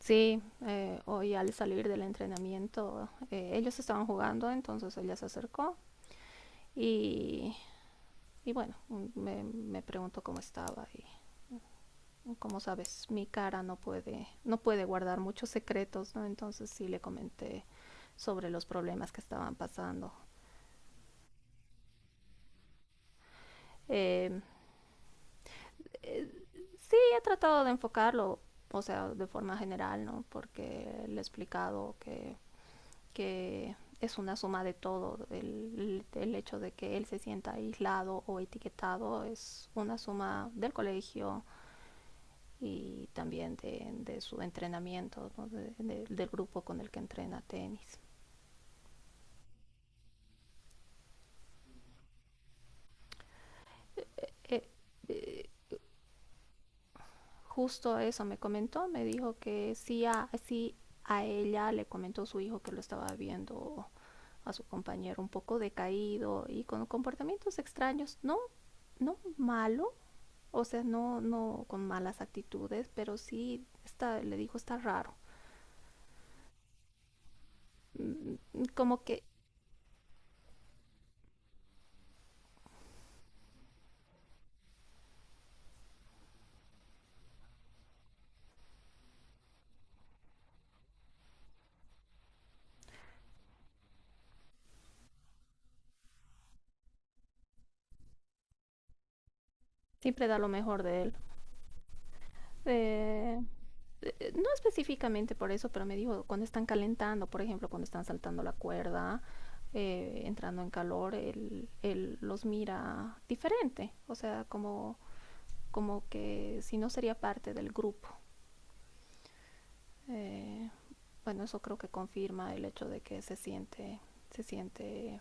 Sí, hoy al salir del entrenamiento, ellos estaban jugando, entonces ella se acercó y, y bueno, me preguntó cómo estaba y como sabes, mi cara no puede, no puede guardar muchos secretos, ¿no? Entonces sí le comenté sobre los problemas que estaban pasando. Eh, y he tratado de enfocarlo, o sea, de forma general, ¿no? Porque le he explicado que es una suma de todo. El hecho de que él se sienta aislado o etiquetado es una suma del colegio y también de su entrenamiento, ¿no? Del grupo con el que entrena tenis. Eh, eh, Justo eso me comentó, me dijo que sí sí a ella le comentó su hijo que lo estaba viendo a su compañero un poco decaído y con comportamientos extraños, no, no malo. O sea, no, no con malas actitudes, pero sí está, le dijo está raro. Como que siempre da lo mejor de él. Eh, no específicamente por eso, pero me dijo cuando están calentando, por ejemplo, cuando están saltando la cuerda, entrando en calor, él los mira diferente. O sea, como, como que si no sería parte del grupo. Eh, bueno, eso creo que confirma el hecho de que se siente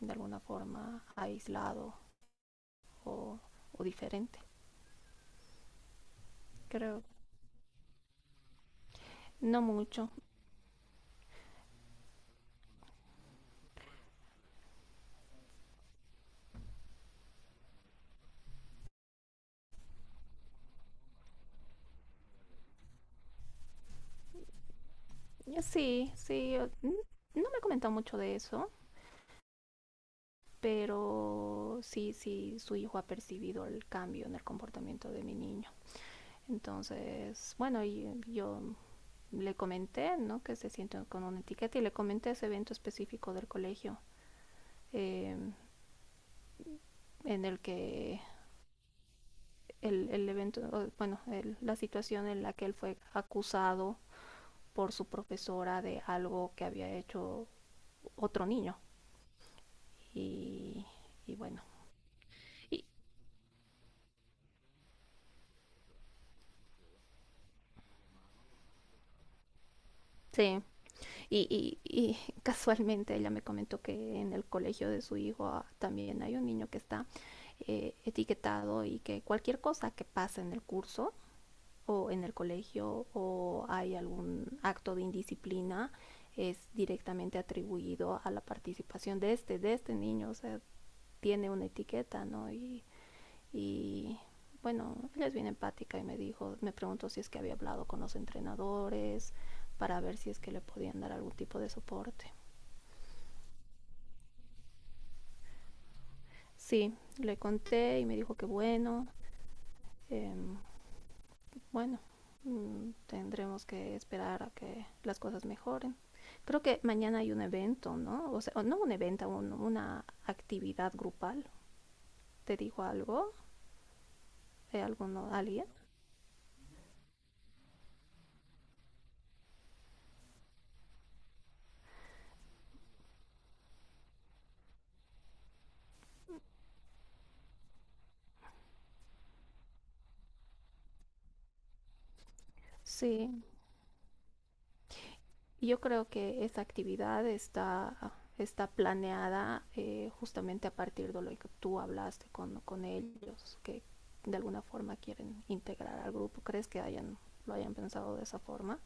de alguna forma aislado o, o diferente, creo. No mucho. Sí, sí, no me ha comentado mucho de eso, pero sí, sí, su hijo ha percibido el cambio en el comportamiento de mi niño. Entonces, bueno, y yo le comenté, ¿no? Que se siente con una etiqueta y le comenté ese evento específico del colegio, eh, en el que el evento, bueno, el- la situación en la que él fue acusado por su profesora de algo que había hecho otro niño. Y, y bueno, y, sí, y casualmente ella me comentó que en el colegio de su hijo ah, también hay un niño que está etiquetado y que cualquier cosa que pase en el curso o en el colegio o hay algún acto de indisciplina es directamente atribuido a la participación de este niño, o sea, tiene una etiqueta, ¿no? Y bueno, ella es bien empática y me dijo, me preguntó si es que había hablado con los entrenadores para ver si es que le podían dar algún tipo de soporte. Sí, le conté y me dijo que bueno, eh, bueno, tendremos que esperar a que las cosas mejoren. Creo que mañana hay un evento, ¿no? O sea, no un evento, una actividad grupal. ¿Te dijo algo? ¿De alguno, alguien? Sí, yo creo que esta actividad está, está planeada justamente a partir de lo que tú hablaste con ellos, que de alguna forma quieren integrar al grupo. ¿Crees que hayan, lo hayan pensado de esa forma?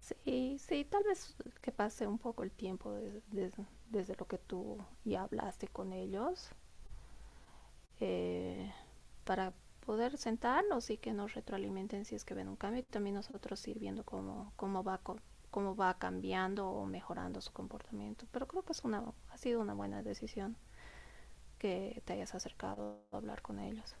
Sí, sí, tal vez que pase un poco el tiempo desde lo que tú ya hablaste con ellos. Eh, para poder sentarnos y que nos retroalimenten si es que ven un cambio y también nosotros ir viendo cómo, cómo va cambiando o mejorando su comportamiento. Pero creo que es una, ha sido una buena decisión que te hayas acercado a hablar con ellos.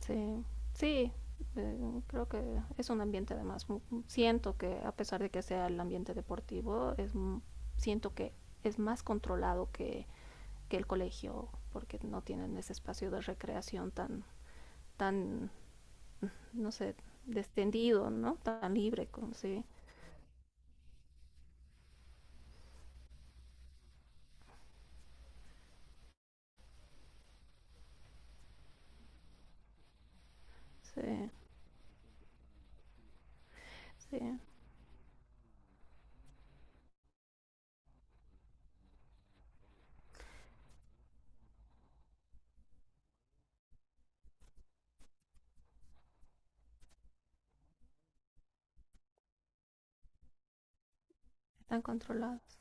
Sí, sí, creo que es un ambiente además. Siento que a pesar de que sea el ambiente deportivo, es, siento que es más controlado que el colegio porque no tienen ese espacio de recreación tan, tan no sé, descendido, ¿no? Tan libre como si se, sí, sí, están controlados.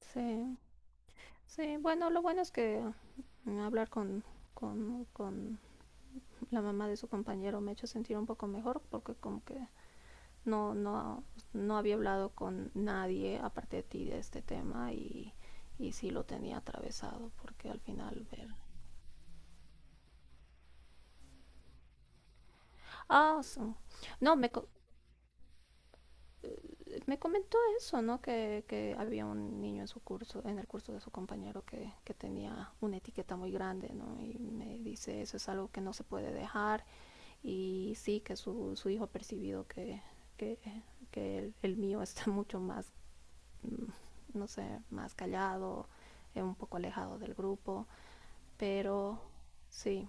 Sí, sí, bueno, lo bueno es que hablar con, con la mamá de su compañero me ha hecho sentir un poco mejor porque como que no, no, no había hablado con nadie aparte de ti de este tema y sí lo tenía atravesado porque al final ver ah sí. no me, Me comentó eso, ¿no? Que había un niño en su curso, en el curso de su compañero que tenía una etiqueta muy grande, ¿no? Y me dice, eso es algo que no se puede dejar y sí que su hijo ha percibido que, que el mío está mucho más, no sé, más callado, un poco alejado del grupo pero sí,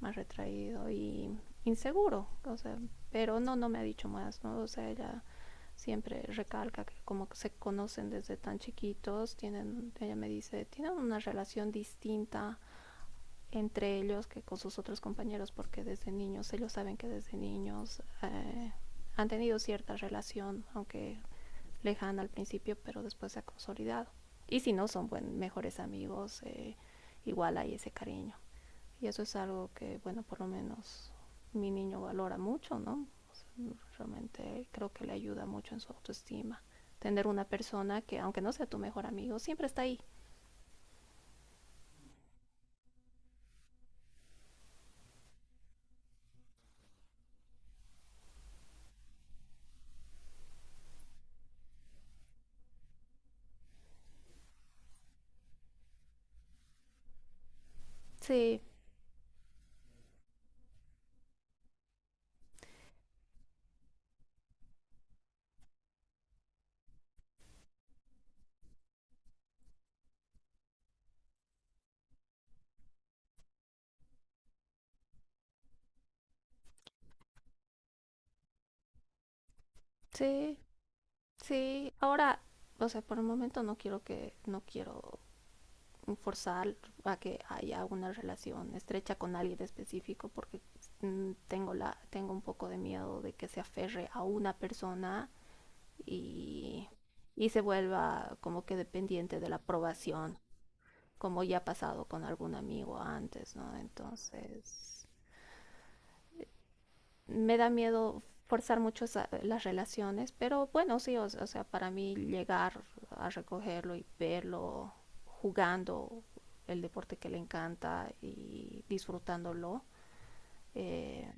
más retraído y inseguro, o sea, pero no, no me ha dicho más, ¿no? O sea, ella siempre recalca que como que se conocen desde tan chiquitos, tienen, ella me dice, tienen una relación distinta entre ellos que con sus otros compañeros porque desde niños, ellos saben que desde niños han tenido cierta relación, aunque lejana al principio, pero después se ha consolidado. Y si no son buen, mejores amigos, igual hay ese cariño. Y eso es algo que, bueno, por lo menos mi niño valora mucho, ¿no? O sea, realmente creo que le ayuda mucho en su autoestima. Tener una persona que, aunque no sea tu mejor amigo, siempre está ahí. Sí, sí, sí. Ahora, o sea, por el momento no quiero que, no quiero forzar a que haya una relación estrecha con alguien específico porque tengo un poco de miedo de que se aferre a una persona y, y se vuelva como que dependiente de la aprobación, como ya ha pasado con algún amigo antes, ¿no? Entonces, me da miedo forzar mucho las relaciones, pero bueno, sí, o sea, para mí llegar a recogerlo y verlo jugando el deporte que le encanta y disfrutándolo, eh,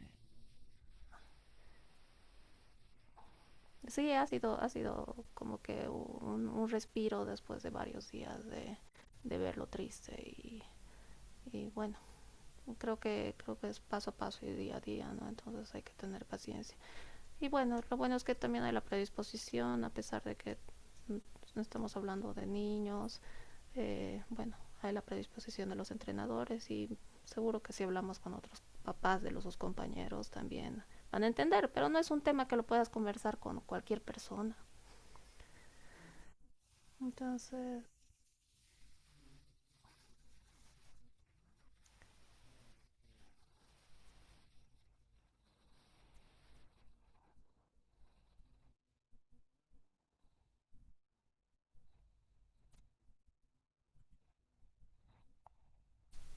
sí, ha sido como que un respiro después de varios días de verlo triste y bueno, creo que es paso a paso y día a día, no, entonces hay que tener paciencia y bueno, lo bueno es que también hay la predisposición a pesar de que no estamos hablando de niños, bueno, hay la predisposición de los entrenadores y seguro que si hablamos con otros papás de los sus compañeros también van a entender, pero no es un tema que lo puedas conversar con cualquier persona, entonces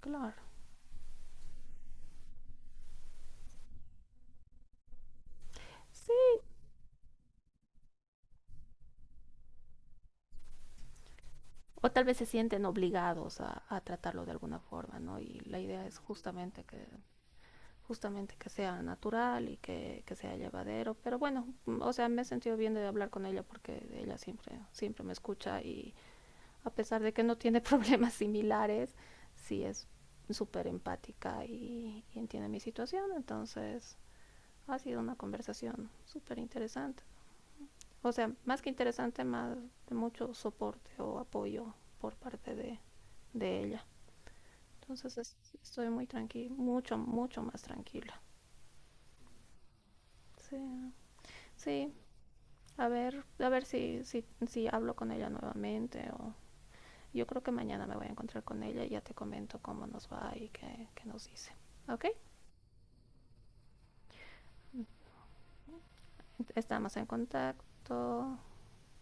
claro, sí, o tal vez se sienten obligados a, tratarlo de alguna forma, ¿no? Y la idea es justamente que sea natural y que sea llevadero, pero bueno, o sea, me he sentido bien de hablar con ella porque ella siempre, siempre me escucha y a pesar de que no tiene problemas similares, sí es súper empática y entiende mi situación, entonces ha sido una conversación súper interesante. O sea, más que interesante, más de mucho soporte o apoyo por parte de ella. Entonces estoy muy tranquila, mucho, mucho más tranquila. Sí, sí, a ver si, si, si hablo con ella nuevamente o yo creo que mañana me voy a encontrar con ella y ya te comento cómo nos va y qué, qué nos dice. ¿Ok? Estamos en contacto.